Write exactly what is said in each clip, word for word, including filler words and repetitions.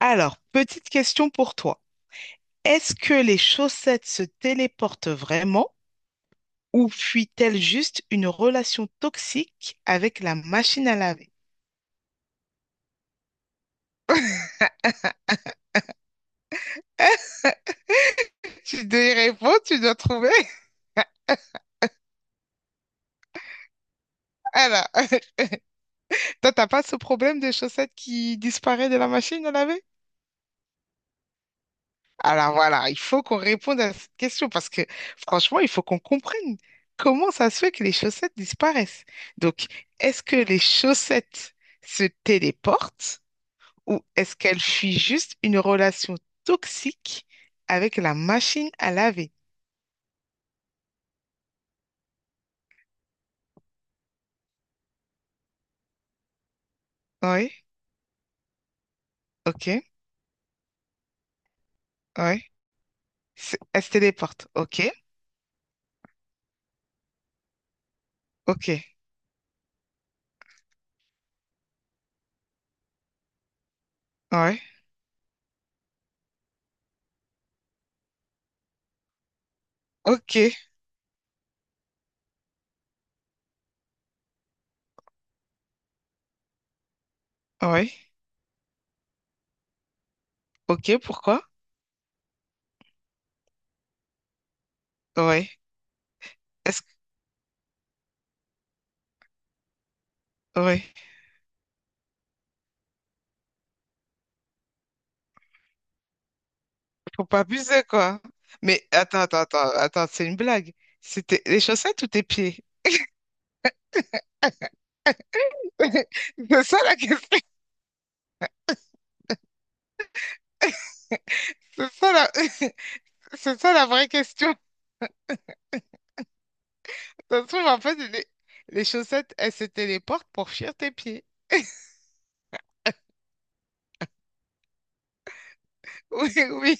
Alors, petite question pour toi. Est-ce que les chaussettes se téléportent vraiment ou fuit-elle juste une relation toxique avec la machine à laver? Tu dois y répondre, tu dois trouver. Alors, toi, t'as pas ce problème de chaussettes qui disparaît de la machine à laver? Alors voilà, il faut qu'on réponde à cette question parce que franchement, il faut qu'on comprenne comment ça se fait que les chaussettes disparaissent. Donc, est-ce que les chaussettes se téléportent ou est-ce qu'elle fuit juste une relation toxique avec la machine à laver? Oui, ok, oui. C'est- Elle se téléporte, ok, ok, oui, ok, oui, ok, pourquoi? Oui, est-ce que... Oui, faut pas abuser, quoi. Mais attends, attends, attends, attends, c'est une blague. C'était les chaussettes ou tes pieds? C'est ça la question. C'est ça la... C'est ça la vraie question. Ça se trouve, en fait, les, les, chaussettes, elles se téléportent pour fuir tes pieds. Oui, oui.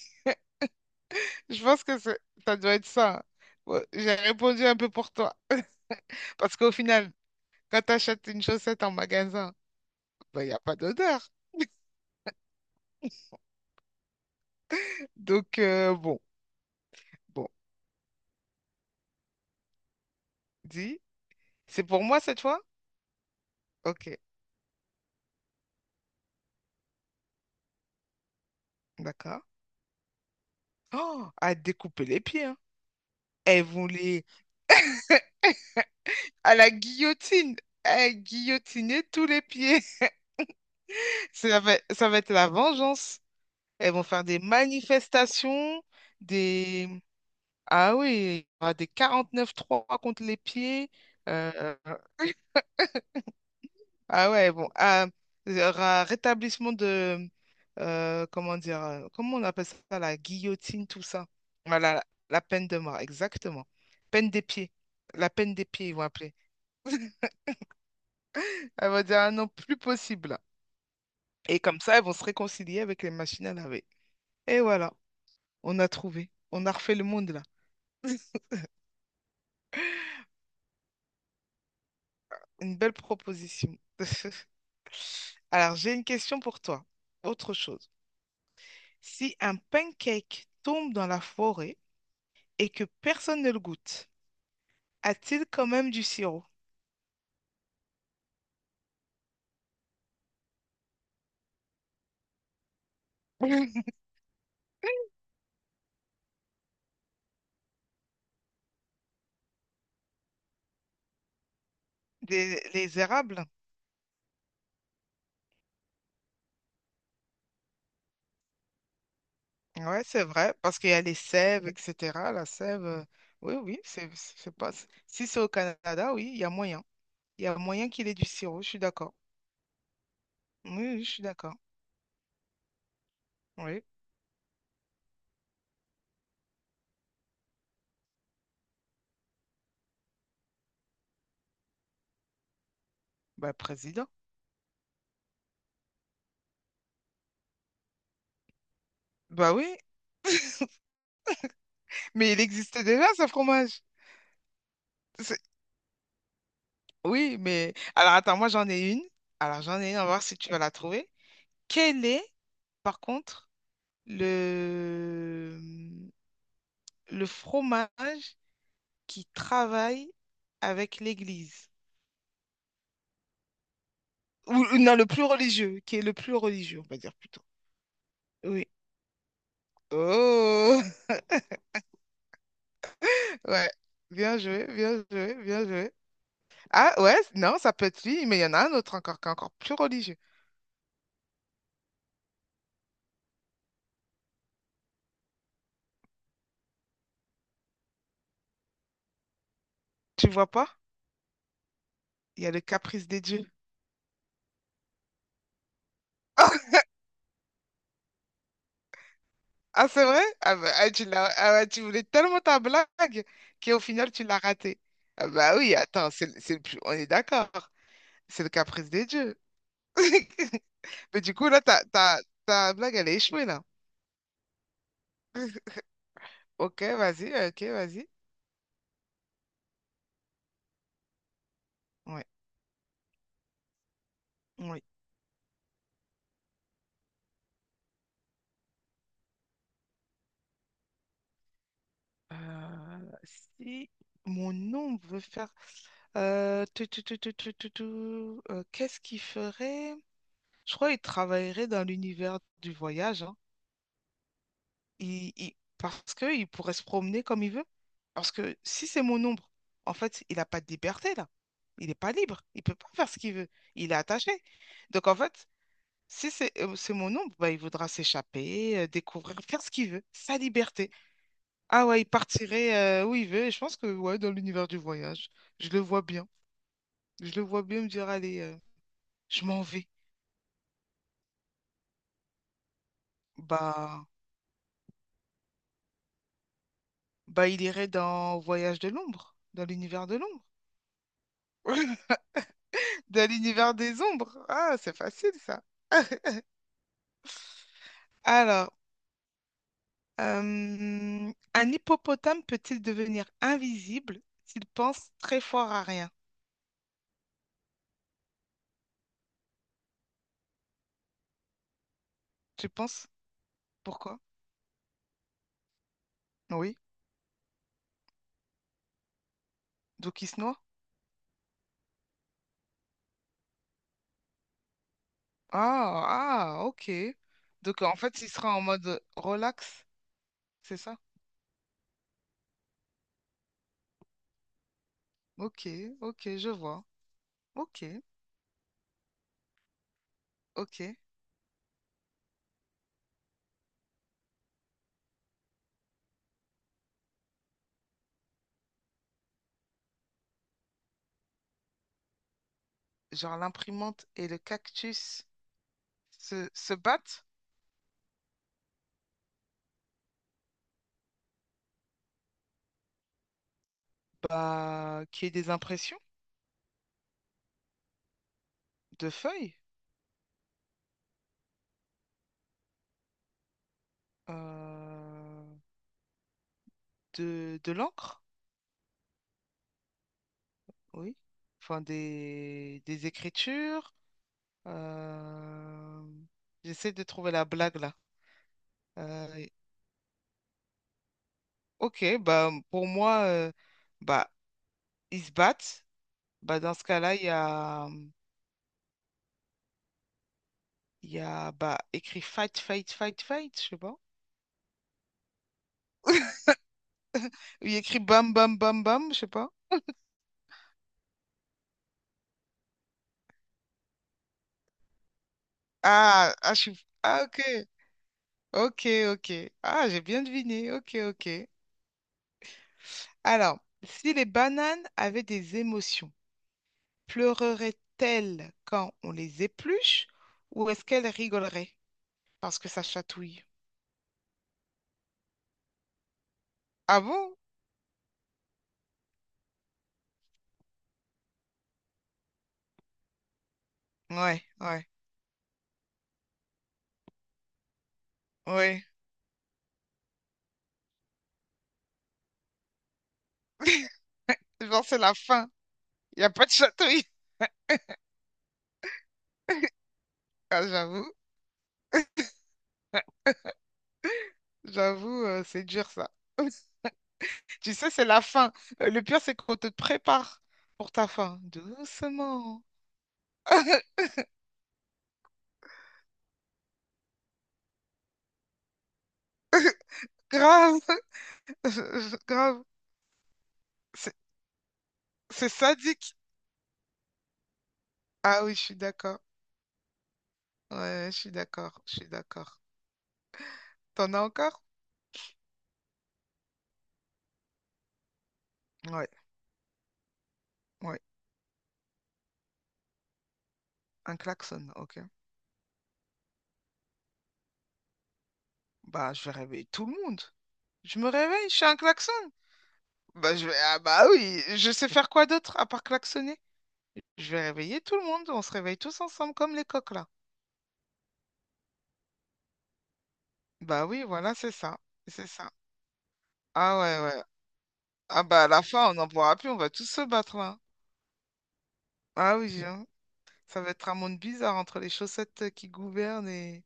Je pense que c'est- ça doit être ça, hein. Bon, j'ai répondu un peu pour toi. Parce qu'au final, quand tu achètes une chaussette en magasin, ben, il n'y a pas d'odeur. Donc, euh, bon, bon, dis. C'est pour moi cette fois? Ok, d'accord. Oh, à découper les pieds, hein. Elles vont les... À la guillotine. À guillotiner tous les pieds. Ça va, ça va être la vengeance. Elles vont faire des manifestations. Des Ah oui, il y aura des quarante-neuf trois contre les pieds. Euh, ah ouais, bon. Ah, il y aura rétablissement de... euh, comment dire? euh, Comment on appelle ça? La guillotine, tout ça. Voilà, la, la peine de mort, exactement. Peine des pieds. La peine des pieds, ils vont appeler. Elle va dire, ah non, plus possible. Et comme ça, ils vont se réconcilier avec les machines à laver. Et voilà, on a trouvé. On a refait le monde, là. Une belle proposition. Alors, j'ai une question pour toi. Autre chose. Si un pancake tombe dans la forêt et que personne ne le goûte, a-t-il quand même du sirop? Des- les érables? Ouais, c'est vrai, parce qu'il y a les sèves, et cetera. La sève, euh, oui, oui, c'est c'est c'est pas. Si c'est au Canada, oui, il y a moyen. Il y a moyen qu'il ait du sirop, je suis d'accord. Oui, oui, je suis d'accord. Oui, bah, président. Bah oui, mais il existait déjà ce fromage. C'est- Oui, mais. Alors attends, moi j'en ai une. Alors j'en ai une, on va voir si tu vas la trouver. Quelle est, par contre, le, le, fromage qui travaille avec l'église. Ou ou non, le plus religieux, qui est le plus religieux, on va dire plutôt. Oui. Oh, ouais. Bien joué, bien joué, bien joué. Ah ouais, non, ça peut être lui, mais il y en a un autre encore qui est encore plus religieux. Tu vois pas? Il y a le caprice des dieux. Ah, c'est vrai? Ah bah, ah, tu l'as- ah ouais, tu voulais tellement ta blague qu'au final, tu l'as ratée. Ah bah oui, attends, c'est, c'est le plus... on est d'accord. C'est le caprice des dieux. Mais du coup, là, ta, ta, ta blague, elle est échouée, là. Ok, vas-y, ok, vas-y. Ouais, oui. Euh, si mon ombre veut faire... euh, tu, tu, tu, tu, tu, tu, tu, euh, qu'est-ce qu'il ferait? Je crois qu'il travaillerait dans l'univers du voyage, hein. Il, il- parce qu'il pourrait se promener comme il veut. Parce que si c'est mon ombre, en fait, il n'a pas de liberté, là. Il n'est pas libre. Il peut pas faire ce qu'il veut. Il est attaché. Donc, en fait, Si c'est euh, c'est mon ombre, bah, il voudra s'échapper, euh, découvrir, faire ce qu'il veut, sa liberté. Ah ouais, il partirait euh, où il veut. Et je pense que ouais, dans l'univers du voyage, je le vois bien. Je le vois bien me dire, allez, euh, je m'en vais. Bah, bah, il irait dans Voyage de l'ombre, dans l'univers de l'ombre, dans l'univers des ombres. Ah, c'est facile ça. Alors, euh, un hippopotame peut-il devenir invisible s'il pense très fort à rien? Tu penses? Pourquoi? Oui. Donc il se noie? Ah, ah, ok. Donc en fait, il sera en mode relax, c'est ça? Ok, ok, je vois. Ok, ok. Genre l'imprimante et le cactus se, se battent? Bah, qu'il y ait des impressions de feuilles, euh, de, de, l'encre, oui. Enfin, des, des écritures. euh, J'essaie de trouver la blague là. Euh, ok, bah pour moi, euh, bah ils se battent. Bah, dans ce cas-là, il y a, hum, il y a bah, écrit fight, fight, fight, fight, je sais pas. Ou il y a écrit bam, bam, bam, bam, je sais pas. Ah, ah, je suis... ah, ok, ok, ok. Ah, j'ai bien deviné, ok, ok. Alors, si les bananes avaient des émotions, pleurerait-elle quand on les épluche ou est-ce qu'elle rigolerait parce que ça chatouille? Ah bon? Ouais, ouais, ouais. Genre, c'est la fin. Il n'y a pas de chatouille. Ah, j'avoue, j'avoue, euh, c'est dur ça. Tu sais, c'est la fin. Euh, Le pire, c'est qu'on te prépare pour ta fin. Doucement. Grave. Grave. C'est c'est sadique. Ah oui, je suis d'accord. Ouais, je suis d'accord. Je suis d'accord. T'en as encore? Ouais, ouais. Un klaxon, ok. Bah, je vais réveiller tout le monde. Je me réveille, je suis un klaxon. Bah, je vais... Ah bah oui, je sais faire quoi d'autre à part klaxonner? Je vais réveiller tout le monde. On se réveille tous ensemble comme les coqs là. Bah oui, voilà, c'est ça. C'est ça. Ah ouais, ouais. Ah bah à la fin, on n'en pourra plus, on va tous se battre là. Ah oui, hein. Ça va être un monde bizarre entre les chaussettes qui gouvernent et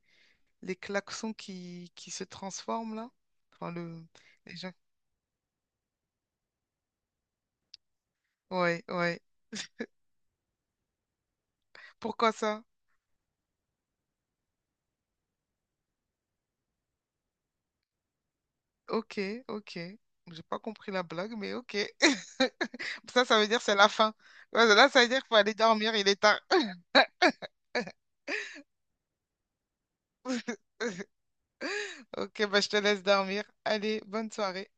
les klaxons qui, qui se transforment là. Enfin, le... les gens... Ouais, ouais. Pourquoi ça? Ok, ok. J'ai pas compris la blague, mais ok. Ça, ça veut dire c'est la fin. Ouais, là, ça veut dire qu'il faut aller dormir, il est tard. Ok, bah je te laisse dormir. Allez, bonne soirée.